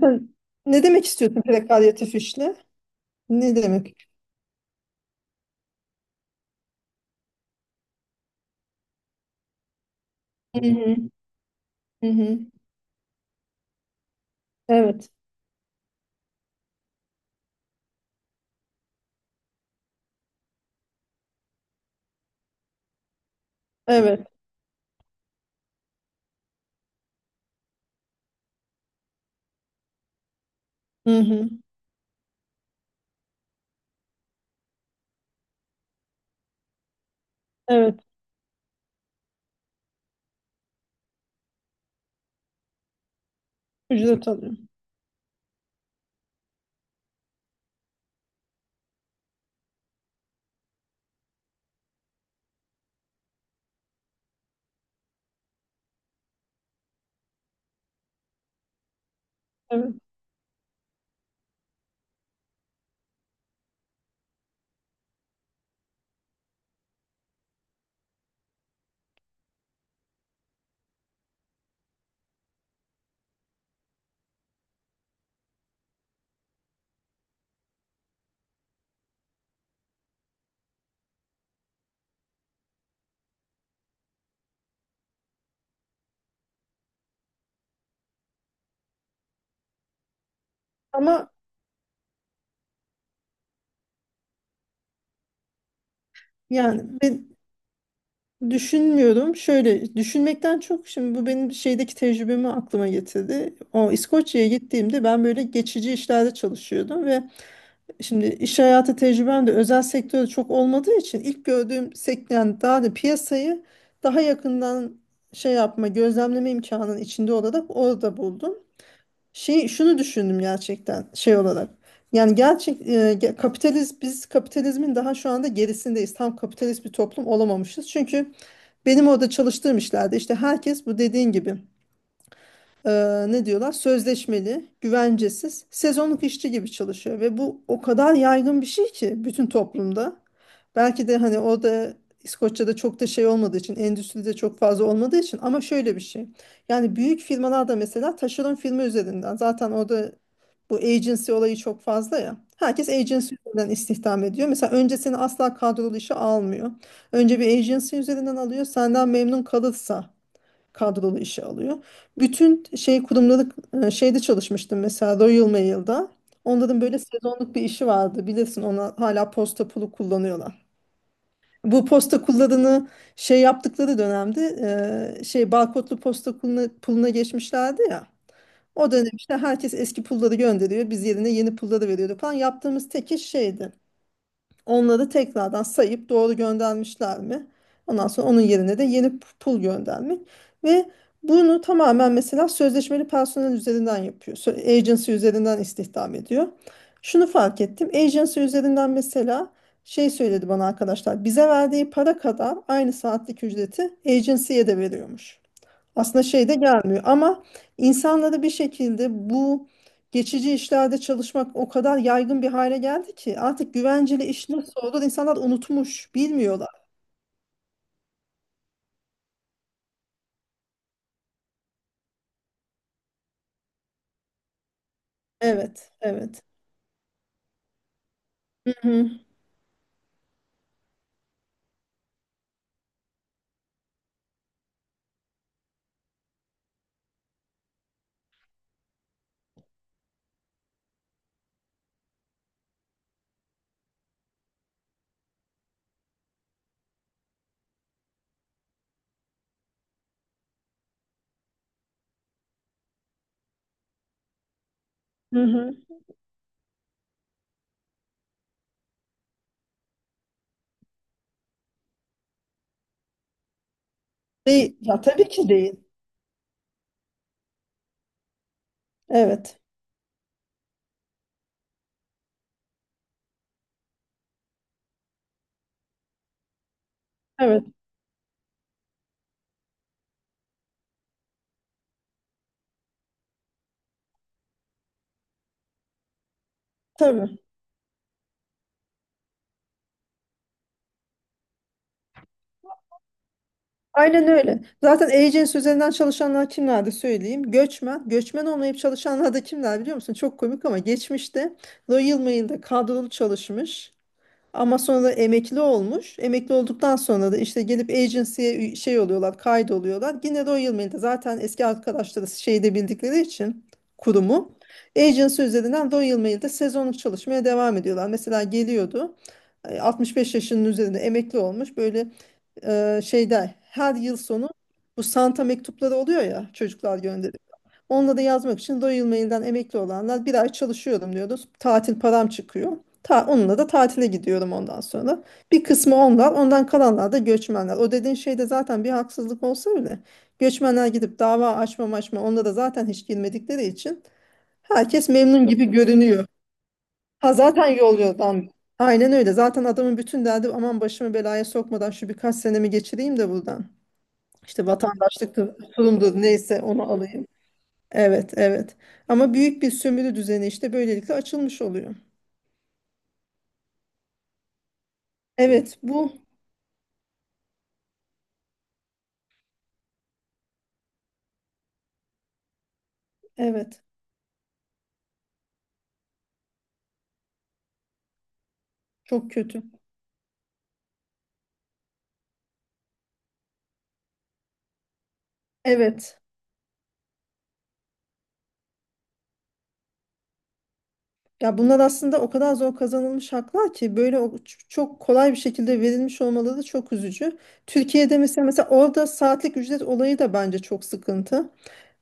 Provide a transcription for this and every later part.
Sen ne demek istiyorsun prekaryatif işle? Ne demek? Hı hı. Hı hı. Evet. Evet. Hı hı. Evet. Ücret alıyor. Evet. Ama yani ben düşünmüyorum. Şöyle düşünmekten çok şimdi bu benim şeydeki tecrübemi aklıma getirdi. O İskoçya'ya gittiğimde ben böyle geçici işlerde çalışıyordum ve şimdi iş hayatı tecrübem de özel sektörde çok olmadığı için ilk gördüğüm sektör yani daha da piyasayı daha yakından şey yapma, gözlemleme imkanının içinde olarak orada buldum. Şey şunu düşündüm gerçekten şey olarak. Yani kapitalizm biz kapitalizmin daha şu anda gerisindeyiz. Tam kapitalist bir toplum olamamışız. Çünkü benim orada çalıştığım işlerde işte herkes bu dediğin gibi ne diyorlar, sözleşmeli, güvencesiz, sezonluk işçi gibi çalışıyor ve bu o kadar yaygın bir şey ki bütün toplumda. Belki de hani o da İskoçya'da çok da şey olmadığı için, endüstride çok fazla olmadığı için, ama şöyle bir şey. Yani büyük firmalarda mesela taşeron firma üzerinden zaten orada bu agency olayı çok fazla ya. Herkes agency üzerinden istihdam ediyor. Mesela önce seni asla kadrolu işe almıyor. Önce bir agency üzerinden alıyor. Senden memnun kalırsa kadrolu işe alıyor. Bütün şey kurumları, şeyde çalışmıştım mesela, Royal Mail'da. Onların böyle sezonluk bir işi vardı. Bilirsin ona hala posta pulu kullanıyorlar. Bu posta kullarını şey yaptıkları dönemde, şey, barkodlu posta puluna geçmişlerdi ya. O dönem işte herkes eski pulları gönderiyor. Biz yerine yeni pulları veriyorduk falan. Yaptığımız tek iş şeydi. Onları tekrardan sayıp doğru göndermişler mi? Ondan sonra onun yerine de pul göndermek. Ve bunu tamamen mesela sözleşmeli personel üzerinden yapıyor. Agency üzerinden istihdam ediyor. Şunu fark ettim. Agency üzerinden mesela şey söyledi bana arkadaşlar. Bize verdiği para kadar aynı saatlik ücreti agency'ye de veriyormuş. Aslında şey de gelmiyor ama insanları bir şekilde bu geçici işlerde çalışmak o kadar yaygın bir hale geldi ki artık güvenceli iş nasıl olur insanlar unutmuş, bilmiyorlar. Evet, evet. Hı hı, hı hı. Değil, ya tabii ki değil. Evet, evet, tabii. Aynen öyle. Zaten agency üzerinden çalışanlar kimlerdi söyleyeyim. Göçmen, göçmen olmayıp çalışanlar da kimler biliyor musun? Çok komik ama geçmişte Royal Mail'de kadrolu çalışmış. Ama sonra emekli olmuş. Emekli olduktan sonra da işte gelip agency'ye şey oluyorlar, kaydoluyorlar. Yine Royal Mail'de zaten eski arkadaşları şeyde bildikleri için kurumu. Agency üzerinden Royal Mail'de sezonluk çalışmaya devam ediyorlar. Mesela geliyordu 65 yaşının üzerinde emekli olmuş böyle, şeyde her yıl sonu bu Santa mektupları oluyor ya çocuklar. Onunla da yazmak için Royal Mail'den emekli olanlar bir ay çalışıyorum diyoruz. Tatil param çıkıyor. Ta, onunla da tatile gidiyorum ondan sonra. Bir kısmı onlar, ondan kalanlar da göçmenler. O dediğin şeyde zaten bir haksızlık olsa bile göçmenler gidip dava açma onda da zaten hiç girmedikleri için herkes memnun gibi görünüyor. Ha zaten yol yordan. Aynen öyle. Zaten adamın bütün derdi, aman başımı belaya sokmadan şu birkaç senemi geçireyim de buradan. İşte vatandaşlıktır, kurumdur, neyse onu alayım. Evet, evet. Ama büyük bir sömürü düzeni işte böylelikle açılmış oluyor. Evet, bu evet, çok kötü. Evet. Ya bunlar aslında o kadar zor kazanılmış haklar ki böyle çok kolay bir şekilde verilmiş olmaları da çok üzücü. Türkiye'de mesela orada saatlik ücret olayı da bence çok sıkıntı.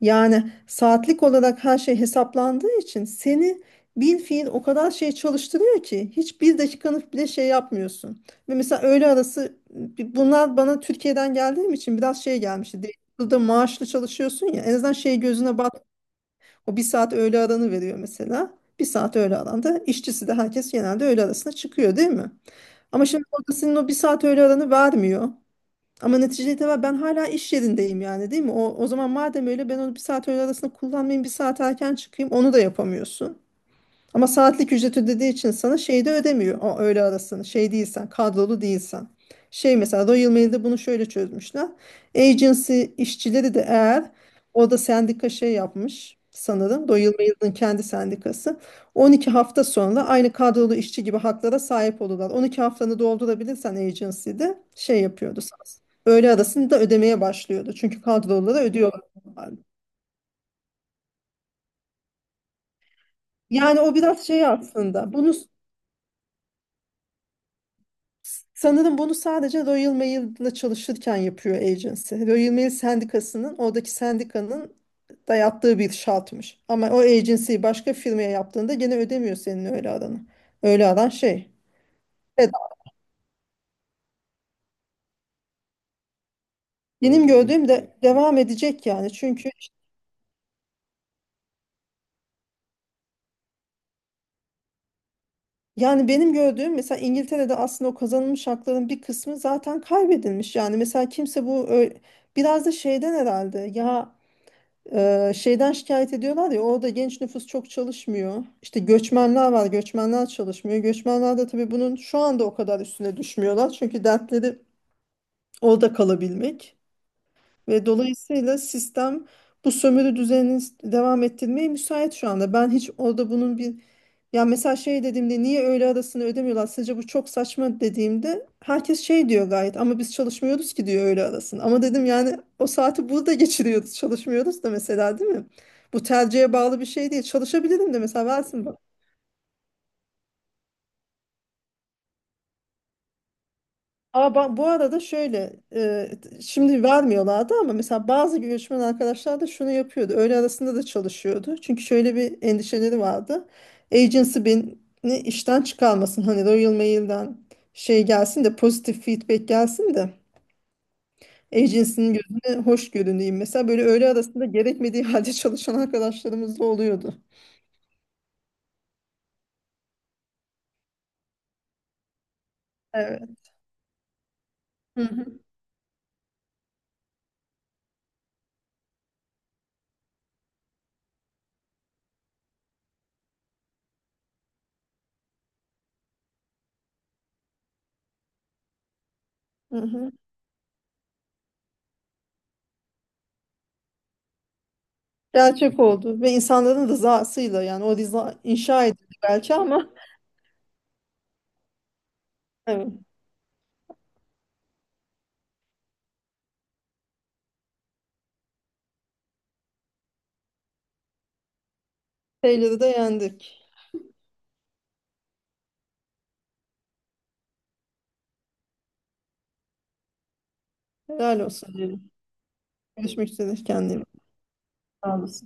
Yani saatlik olarak her şey hesaplandığı için seni bil fiil o kadar şey çalıştırıyor ki hiçbir dakikanı bile şey yapmıyorsun. Ve mesela öğle arası, bunlar bana Türkiye'den geldiğim için biraz şey gelmişti. Burada maaşlı çalışıyorsun ya, en azından şey gözüne bat, o bir saat öğle aranı veriyor mesela. Bir saat öğle aranda işçisi de herkes genelde öğle arasına çıkıyor değil mi? Ama şimdi orada senin o bir saat öğle aranı vermiyor. Ama netice itibariyle ben hala iş yerindeyim yani değil mi? O zaman madem öyle ben onu bir saat öğle arasında kullanmayayım, bir saat erken çıkayım, onu da yapamıyorsun. Ama saatlik ücret ödediği için sana şeyi de ödemiyor. O öğle arasını, şey değilsen, kadrolu değilsen. Şey mesela Royal Mail'de bunu şöyle çözmüşler. Agency işçileri de, eğer orada sendika şey yapmış sanırım. Royal Mail'in kendi sendikası. 12 hafta sonra aynı kadrolu işçi gibi haklara sahip olurlar. 12 haftanı doldurabilirsen agency'de şey yapıyordu sana. Öğle arasını da ödemeye başlıyordu. Çünkü kadrolulara ödüyorlar. Yani o biraz şey aslında. Bunu, sanırım bunu sadece Royal Mail'la çalışırken yapıyor agency. Royal Mail sendikasının, oradaki sendikanın dayattığı bir şartmış. Ama o agency'yi başka firmaya yaptığında gene ödemiyor senin öyle aranı. Öyle aran şey. Evet. Benim gördüğüm de devam edecek yani. Çünkü yani benim gördüğüm mesela İngiltere'de aslında o kazanılmış hakların bir kısmı zaten kaybedilmiş. Yani mesela kimse bu biraz da şeyden herhalde ya. Şeyden şikayet ediyorlar ya, orada genç nüfus çok çalışmıyor. İşte göçmenler var, göçmenler çalışmıyor. Göçmenler de tabii bunun şu anda o kadar üstüne düşmüyorlar. Çünkü dertleri orada kalabilmek. Ve dolayısıyla sistem bu sömürü düzenini devam ettirmeye müsait şu anda. Ben hiç orada bunun bir, ya mesela şey dediğimde, niye öğle arasını ödemiyorlar? Sizce bu çok saçma dediğimde herkes şey diyor, gayet ama biz çalışmıyoruz ki diyor öğle arasını. Ama dedim yani o saati burada geçiriyoruz, çalışmıyoruz da mesela değil mi? Bu tercihe bağlı bir şey değil. Çalışabilirim de mesela, versin bana. Ama bu arada şöyle şimdi vermiyorlardı ama mesela bazı göçmen arkadaşlar da şunu yapıyordu. Öğle arasında da çalışıyordu. Çünkü şöyle bir endişeleri vardı. Agency beni işten çıkarmasın. Hani Royal Mail'den şey gelsin de, pozitif feedback gelsin de, agency'nin gözüne hoş görüneyim. Mesela böyle öğle arasında gerekmediği halde çalışan arkadaşlarımız da oluyordu. Evet. Hı hı. Hı hı. Gerçek oldu ve insanların rızasıyla, yani o rıza inşa edildi belki ama evet. Şeyleri de yendik. Helal olsun diyelim. Görüşmek üzere. Kendine iyi bak. Sağ olasın.